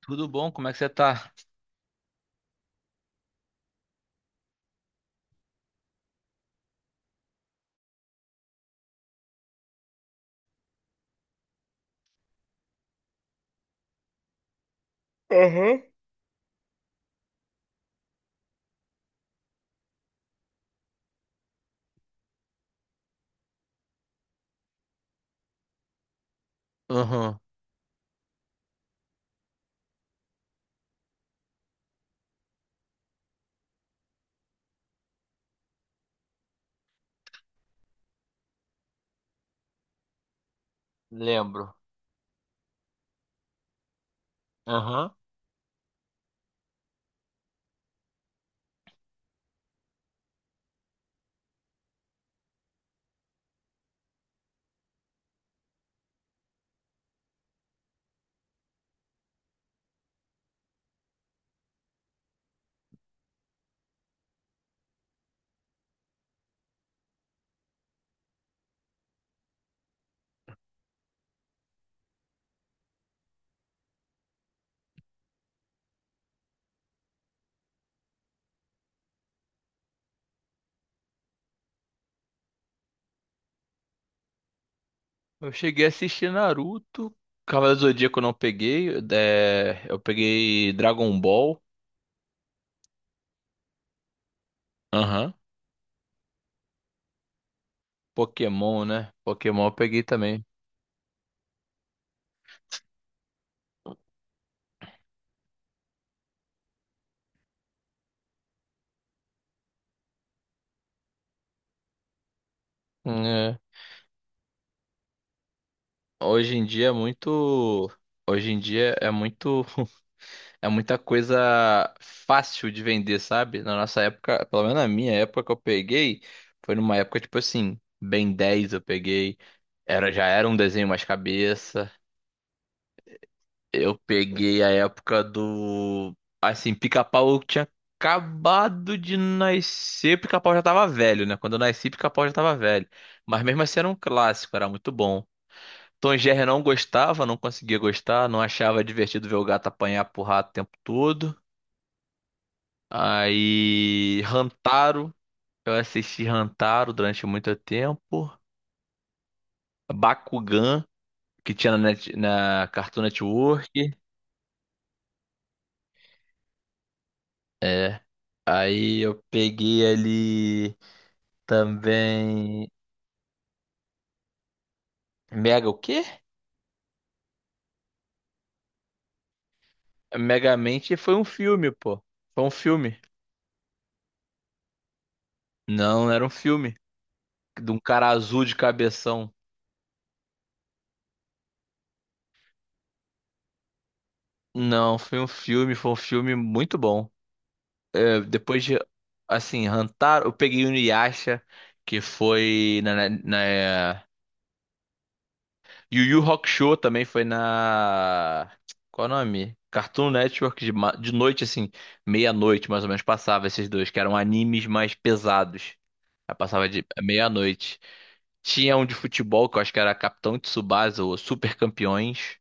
Tudo bom? Como é que você tá? Aham. Aham, lembro. Aham. Eu cheguei a assistir Naruto. Cavaleiro do Zodíaco eu não peguei. É, eu peguei Dragon Ball. Aham. Pokémon, né? Pokémon eu peguei também. É. Hoje em dia é muito. Hoje em dia é muito. É muita coisa fácil de vender, sabe? Na nossa época, pelo menos na minha época que eu peguei, foi numa época tipo assim, Ben 10 eu peguei, era já era um desenho mais cabeça. Eu peguei a época do assim, Pica-Pau tinha acabado de nascer, Pica-Pau já tava velho, né? Quando eu nasci, Pica-Pau já tava velho. Mas mesmo assim era um clássico, era muito bom. Tom e Jerry não gostava, não conseguia gostar, não achava divertido ver o gato apanhar pro rato o tempo todo. Aí, Rantaro, eu assisti Rantaro durante muito tempo. Bakugan, que tinha na Cartoon Network. É. Aí eu peguei ali também. Mega o quê? Megamente foi um filme, pô. Foi um filme. Não, não era um filme. De um cara azul de cabeção. Não, foi um filme muito bom. É, depois de, assim, Hantaro, eu peguei o Inuyasha, que foi Yu Yu Hakusho também foi na. Qual é o nome? Cartoon Network, de noite, assim, meia-noite, mais ou menos, passava esses dois, que eram animes mais pesados. Aí passava de meia-noite. Tinha um de futebol, que eu acho que era Capitão Tsubasa, ou Super Campeões.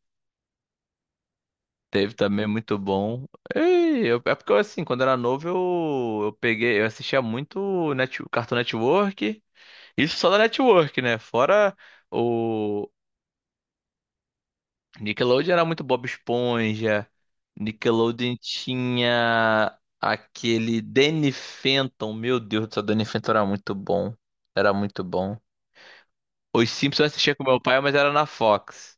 Teve também muito bom. É porque assim, quando era novo, eu peguei, eu assistia muito Cartoon Network. Isso só da Network, né? Fora o Nickelodeon era muito Bob Esponja. Nickelodeon tinha aquele Danny Phantom. Meu Deus do céu, Danny Phantom era muito bom. Era muito bom. Os Simpsons eu assistia com meu pai, mas era na Fox.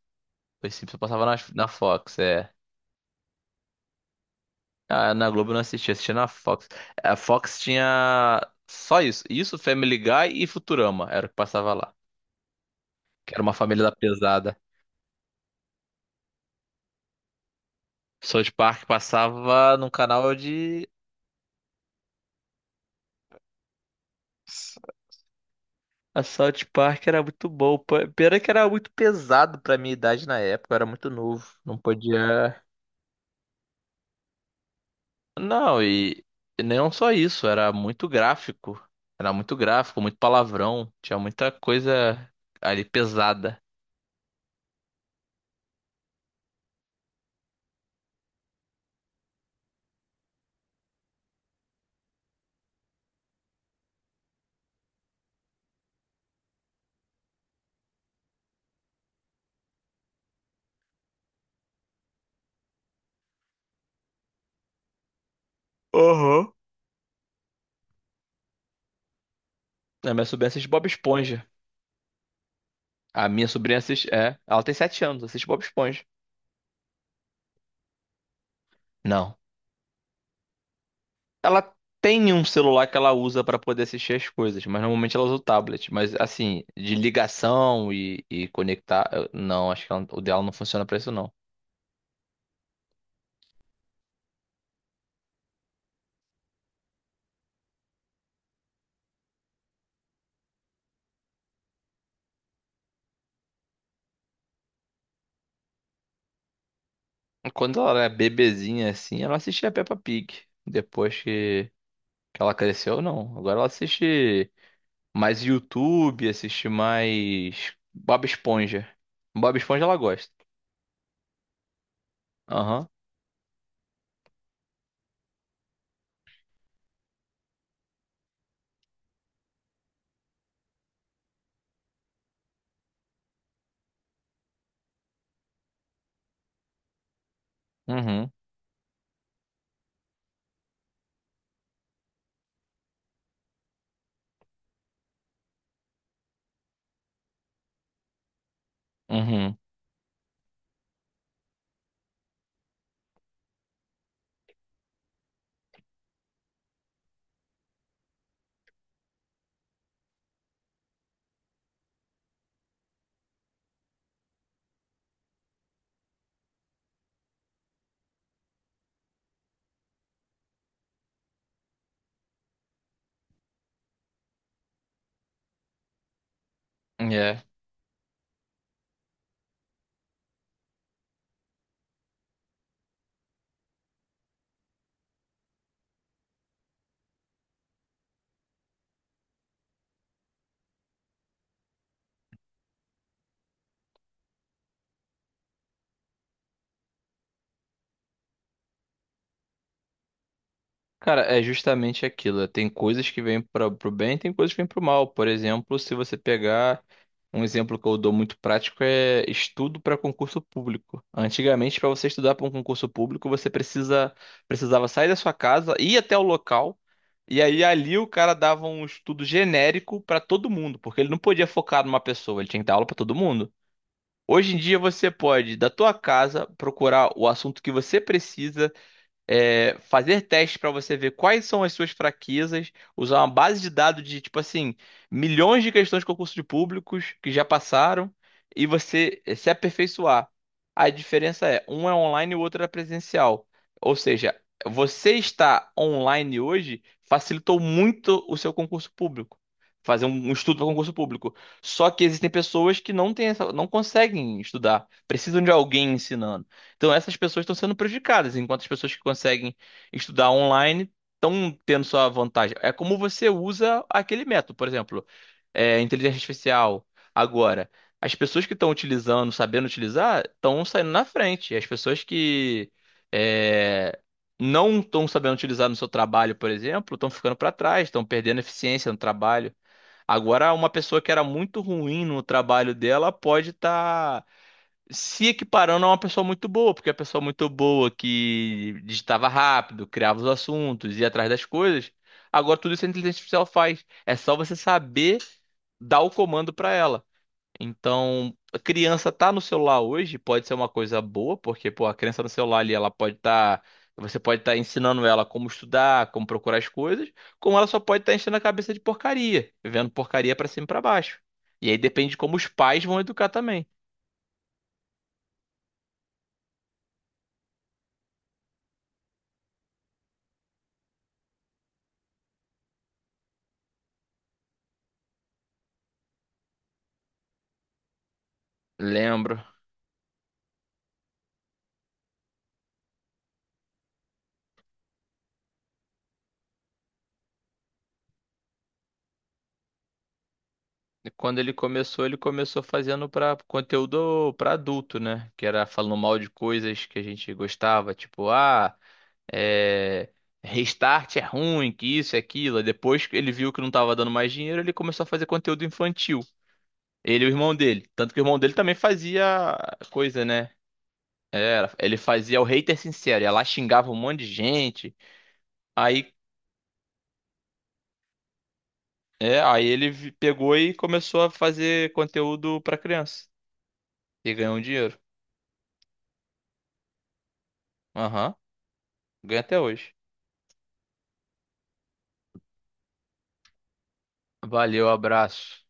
Os Simpsons eu passava na Fox, é. Ah, na Globo eu não assisti, assisti na Fox. A Fox tinha só isso. Isso, Family Guy e Futurama era o que passava lá. Que era uma família da pesada. South Park passava num canal de. A South Park era muito bom. Pena que era muito pesado pra minha idade na época, eu era muito novo. Não podia. Não, e não só isso, era muito gráfico. Era muito gráfico, muito palavrão. Tinha muita coisa ali pesada. Aham. A minha sobrinha assiste Bob Esponja. A minha sobrinha assiste. É, ela tem 7 anos, assiste Bob Esponja. Não. Ela tem um celular que ela usa pra poder assistir as coisas, mas normalmente ela usa o tablet. Mas assim, de ligação e conectar. Não, acho que o dela não funciona pra isso, não. Quando ela era bebezinha assim, ela assistia Peppa Pig. Depois que ela cresceu, não. Agora ela assiste mais YouTube, assiste mais Bob Esponja. Bob Esponja ela gosta. Aham. Uhum. Uhum. É. Cara, é justamente aquilo. Tem coisas que vêm para o bem, tem coisas que vêm para o mal. Por exemplo, se você pegar um exemplo que eu dou muito prático é estudo para concurso público. Antigamente, para você estudar para um concurso público, você precisava sair da sua casa, ir até o local, e aí ali o cara dava um estudo genérico para todo mundo, porque ele não podia focar numa pessoa, ele tinha que dar aula para todo mundo. Hoje em dia você pode, da tua casa, procurar o assunto que você precisa fazer testes para você ver quais são as suas fraquezas, usar uma base de dados de, tipo assim, milhões de questões de concurso de públicos que já passaram e você se aperfeiçoar. A diferença é, um é online e o outro é presencial. Ou seja, você estar online hoje facilitou muito o seu concurso público. Fazer um estudo para concurso público. Só que existem pessoas que não têm não conseguem estudar, precisam de alguém ensinando. Então essas pessoas estão sendo prejudicadas, enquanto as pessoas que conseguem estudar online estão tendo sua vantagem. É como você usa aquele método, por exemplo, inteligência artificial. Agora, as pessoas que estão utilizando, sabendo utilizar, estão saindo na frente. As pessoas que é, não estão sabendo utilizar no seu trabalho, por exemplo, estão ficando para trás, estão perdendo eficiência no trabalho. Agora, uma pessoa que era muito ruim no trabalho dela pode estar se equiparando a uma pessoa muito boa, porque a pessoa muito boa que digitava rápido, criava os assuntos, ia atrás das coisas, agora tudo isso a inteligência artificial faz. É só você saber dar o comando para ela. Então, a criança tá no celular hoje, pode ser uma coisa boa, porque pô, a criança no celular ali, ela pode estar Você pode estar ensinando ela como estudar, como procurar as coisas, como ela só pode estar enchendo a cabeça de porcaria, vendo porcaria para cima e para baixo. E aí depende de como os pais vão educar também. Lembro. E quando ele começou fazendo para conteúdo para adulto, né? Que era falando mal de coisas que a gente gostava, tipo, ah, é... Restart é ruim, que isso, é aquilo. Aí depois que ele viu que não tava dando mais dinheiro, ele começou a fazer conteúdo infantil. Ele e o irmão dele. Tanto que o irmão dele também fazia coisa, né? Era, ele fazia o hater sincero, ia lá xingava um monte de gente. Aí, aí ele pegou e começou a fazer conteúdo para criança e ganhou um dinheiro. Aham. Ganha até hoje. Valeu, abraço.